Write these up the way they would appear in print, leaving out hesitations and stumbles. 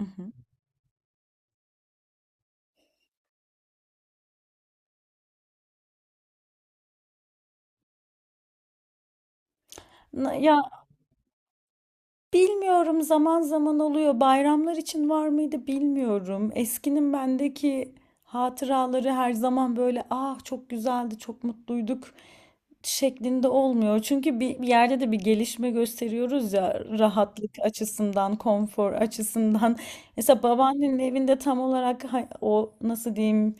Hı hı. Na- Ya bilmiyorum zaman zaman oluyor. Bayramlar için var mıydı bilmiyorum. Eskinin bendeki hatıraları her zaman böyle ah çok güzeldi, çok mutluyduk şeklinde olmuyor. Çünkü bir yerde de bir gelişme gösteriyoruz ya rahatlık açısından, konfor açısından. Mesela babaannenin evinde tam olarak o nasıl diyeyim,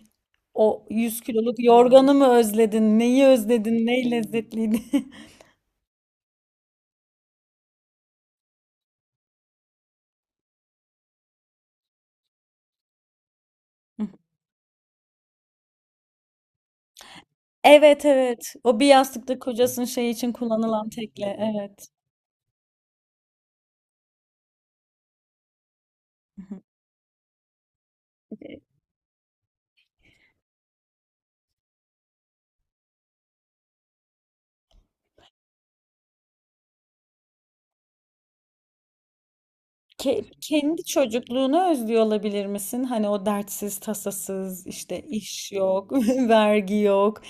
o 100 kiloluk yorganı mı özledin, neyi özledin, ne lezzetliydi? Hı. Evet, evet. O bir yastıkta kocasının şey için kullanılan tekle. Evet. Hı hı. Kendi çocukluğunu özlüyor olabilir misin? Hani o dertsiz, tasasız, işte iş yok, vergi yok,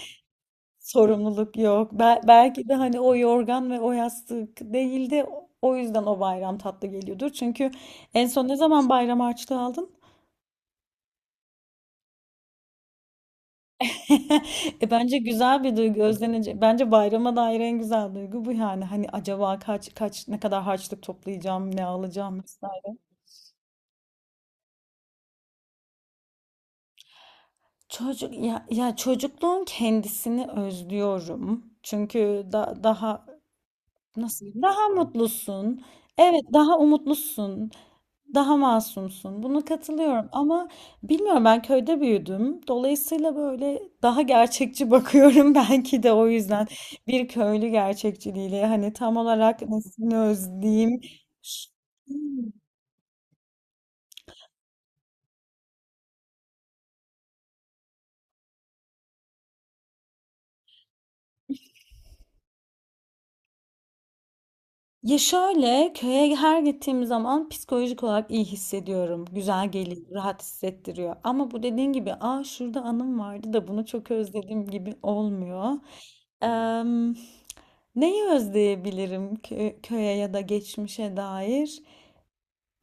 sorumluluk yok. Belki de hani o yorgan ve o yastık değildi. O yüzden o bayram tatlı geliyordur. Çünkü en son ne zaman bayram harçlığı aldın? E bence güzel bir duygu özlenecek. Bence bayrama dair en güzel duygu bu yani. Hani acaba kaç kaç ne kadar harçlık toplayacağım, ne alacağım vesaire. Çocuk ya, ya çocukluğun kendisini özlüyorum. Çünkü daha nasıl diyeyim, daha mutlusun. Evet, daha umutlusun. Daha masumsun. Buna katılıyorum ama bilmiyorum, ben köyde büyüdüm. Dolayısıyla böyle daha gerçekçi bakıyorum belki de o yüzden bir köylü gerçekçiliğiyle hani tam olarak nesini özleyeyim. Ya şöyle, köye her gittiğim zaman psikolojik olarak iyi hissediyorum. Güzel geliyor, rahat hissettiriyor. Ama bu dediğin gibi aa şurada anım vardı da bunu çok özledim gibi olmuyor. Em, Neyi özleyebilirim köye ya da geçmişe dair?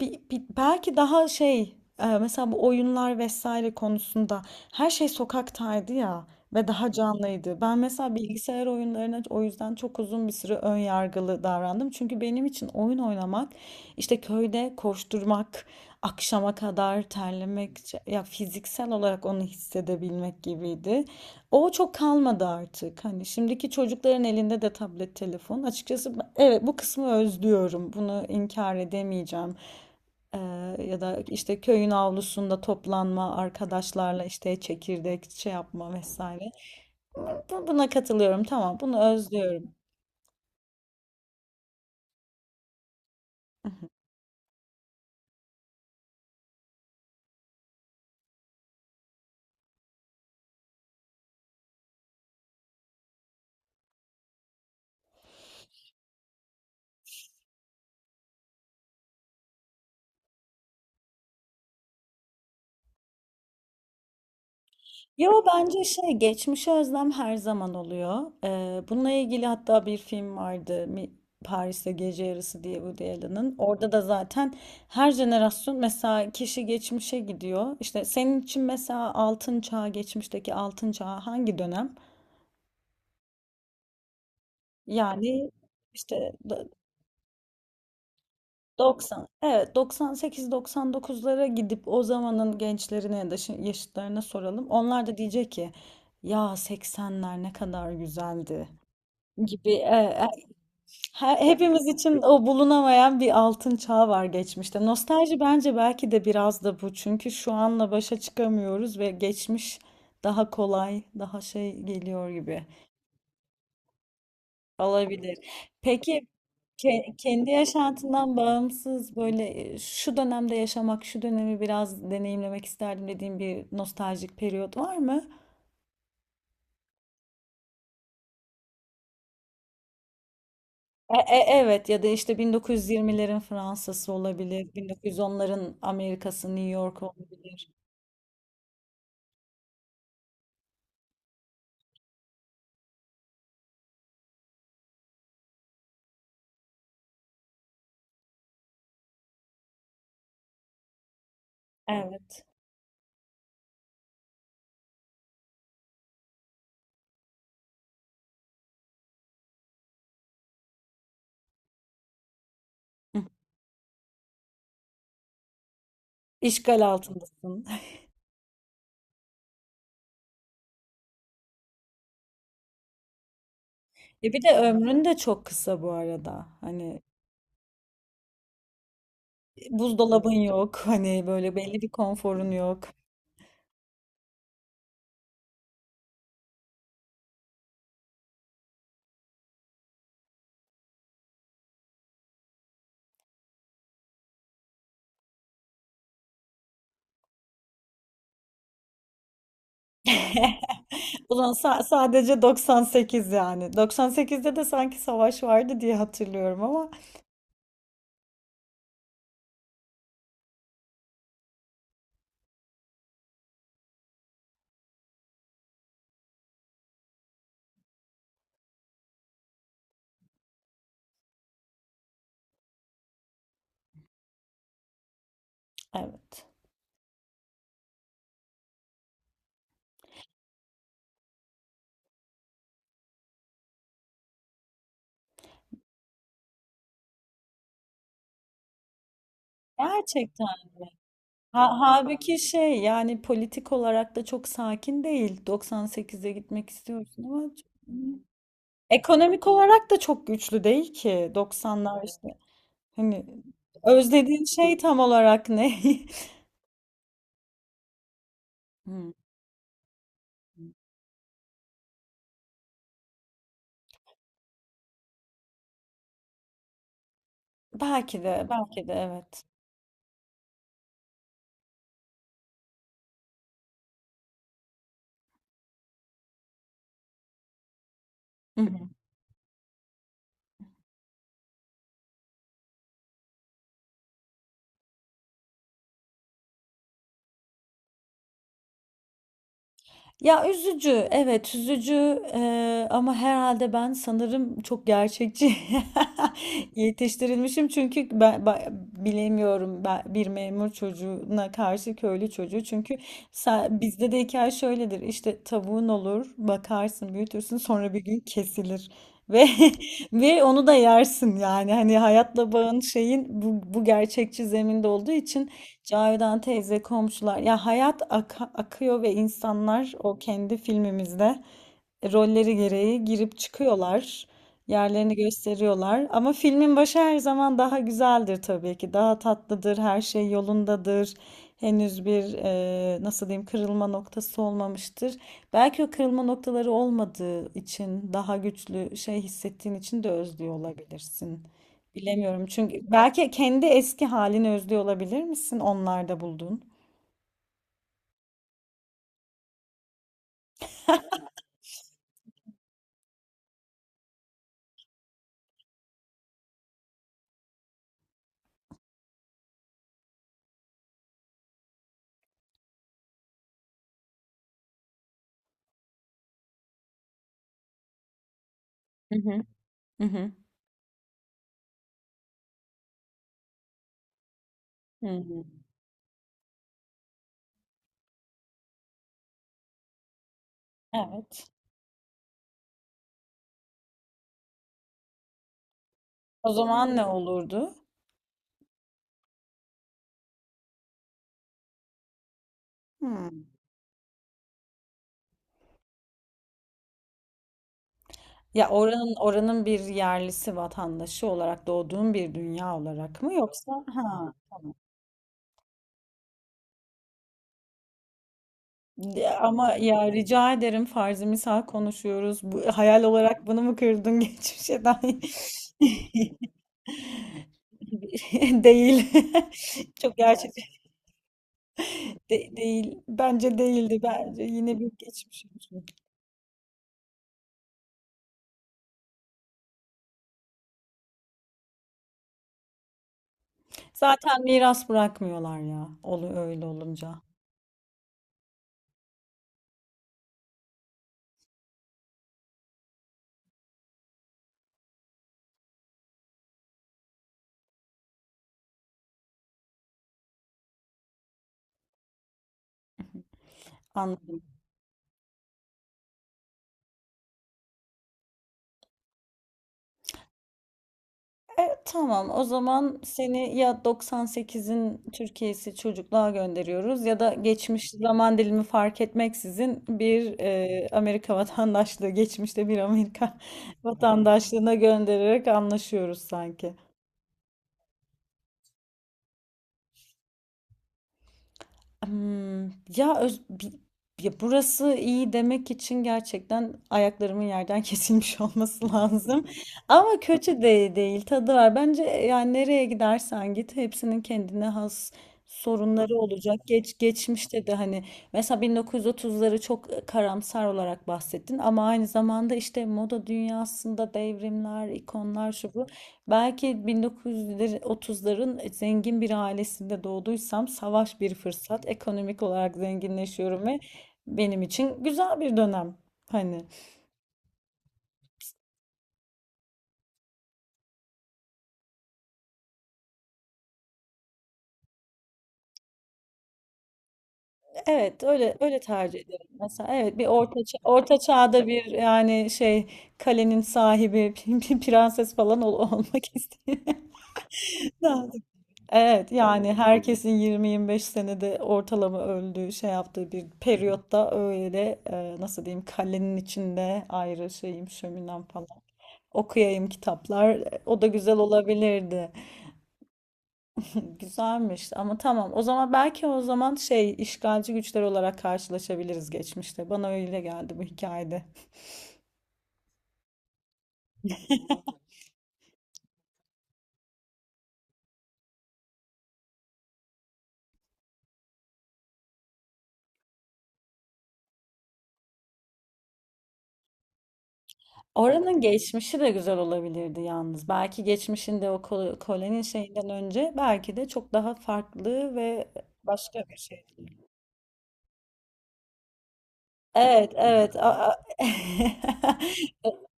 Belki daha mesela bu oyunlar vesaire konusunda her şey sokaktaydı ya ve daha canlıydı. Ben mesela bilgisayar oyunlarına o yüzden çok uzun bir süre ön yargılı davrandım. Çünkü benim için oyun oynamak işte köyde koşturmak, akşama kadar terlemek ya fiziksel olarak onu hissedebilmek gibiydi. O çok kalmadı artık. Hani şimdiki çocukların elinde de tablet, telefon. Açıkçası evet, bu kısmı özlüyorum. Bunu inkar edemeyeceğim. Ya da işte köyün avlusunda toplanma arkadaşlarla işte çekirdek şey yapma vesaire. Buna katılıyorum, tamam, bunu özlüyorum. Yo, bence şey, geçmişe özlem her zaman oluyor. Bununla ilgili hatta bir film vardı, Paris'te Gece Yarısı diye, Woody Allen'ın. Orada da zaten her jenerasyon, mesela kişi geçmişe gidiyor. İşte senin için mesela altın çağı, geçmişteki altın çağı hangi dönem? Yani işte 90, evet 98-99'lara gidip o zamanın gençlerine ya da yaşıtlarına soralım. Onlar da diyecek ki ya 80'ler ne kadar güzeldi gibi. Hepimiz için o bulunamayan bir altın çağ var geçmişte. Nostalji bence belki de biraz da bu. Çünkü şu anla başa çıkamıyoruz ve geçmiş daha kolay, daha şey geliyor gibi olabilir. Peki, kendi yaşantından bağımsız böyle şu dönemde yaşamak, şu dönemi biraz deneyimlemek isterdim dediğim bir nostaljik periyot var mı? Evet, ya da işte 1920'lerin Fransa'sı olabilir, 1910'ların Amerika'sı, New York olabilir. Evet. Hı. İşgal altındasın. E bir de ömrün de çok kısa bu arada. Hani buzdolabın yok, hani böyle belli bir konforun yok. Ulan sadece 98 yani. 98'de de sanki savaş vardı diye hatırlıyorum ama evet. Gerçekten. Ha, halbuki şey, yani politik olarak da çok sakin değil. 98'e gitmek istiyorsun ama çok- ekonomik olarak da çok güçlü değil ki. 90'lar işte. Hani özlediğin şey tam olarak ne? Hmm. Belki de evet. Ya üzücü, evet üzücü, ama herhalde ben sanırım çok gerçekçi yetiştirilmişim çünkü ben bilemiyorum, ben bir memur çocuğuna karşı köylü çocuğu çünkü bizde de hikaye şöyledir, işte tavuğun olur, bakarsın, büyütürsün, sonra bir gün kesilir ve ve onu da yersin yani hani hayatla bağın şeyin bu gerçekçi zeminde olduğu için. Cavidan teyze, komşular. Ya hayat akıyor ve insanlar o kendi filmimizde rolleri gereği girip çıkıyorlar. Yerlerini gösteriyorlar. Ama filmin başı her zaman daha güzeldir tabii ki. Daha tatlıdır, her şey yolundadır. Henüz bir nasıl diyeyim kırılma noktası olmamıştır. Belki o kırılma noktaları olmadığı için, daha güçlü şey hissettiğin için de özlüyor olabilirsin. Bilemiyorum, çünkü belki kendi eski halini özlüyor olabilir misin onlarda bulduğun? Hı hı. Hı hı. Hı. Evet. O zaman ne olurdu? Hmm. Ya oranın, oranın bir yerlisi, vatandaşı olarak doğduğun bir dünya olarak mı yoksa? Ha. Ya ama ya rica ederim, farzı misal konuşuyoruz. Bu, hayal olarak bunu mu kırdın geçmişe dair? Değil. Çok gerçek değil. Bence değildi. Bence yine bir geçmiş olsun. Zaten miras bırakmıyorlar ya. Olu öyle olunca. Anladım. Tamam, o zaman seni ya 98'in Türkiye'si çocukluğa gönderiyoruz ya da geçmiş zaman dilimi fark etmeksizin bir Amerika vatandaşlığı, geçmişte bir Amerika vatandaşlığına göndererek anlaşıyoruz sanki. Hmm, Ya, öz, bi- Ya burası iyi demek için gerçekten ayaklarımın yerden kesilmiş olması lazım. Ama kötü de değil, tadı var. Bence yani nereye gidersen git hepsinin kendine has sorunları olacak. Geç geçmişte de hani mesela 1930'ları çok karamsar olarak bahsettin ama aynı zamanda işte moda dünyasında devrimler, ikonlar şu bu. Belki 1930'ların zengin bir ailesinde doğduysam savaş bir fırsat. Ekonomik olarak zenginleşiyorum ve benim için güzel bir dönem. Hani evet, öyle öyle tercih ederim. Mesela evet bir orta çağda bir yani şey, kalenin sahibi bir prenses falan olmak istiyorum. Evet yani herkesin 20-25 senede ortalama öldüğü şey yaptığı bir periyotta öyle nasıl diyeyim kalenin içinde ayrı şeyim, şöminem falan, okuyayım kitaplar o da güzel olabilirdi. Güzelmiş ama tamam o zaman, belki o zaman şey, işgalci güçler olarak karşılaşabiliriz geçmişte, bana öyle geldi bu hikayede. Oranın geçmişi de güzel olabilirdi yalnız. Belki geçmişinde o koloni şeyinden önce belki de çok daha farklı ve başka bir şey. Evet, evet. A-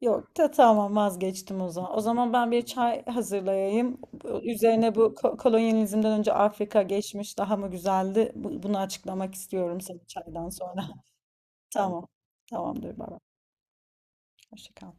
Yok da tamam, vazgeçtim o zaman. O zaman ben bir çay hazırlayayım. Üzerine bu kolonyalizmden önce Afrika geçmiş daha mı güzeldi? Bunu açıklamak istiyorum senin çaydan sonra. Tamam. Tamamdır baba. Hoşça kal.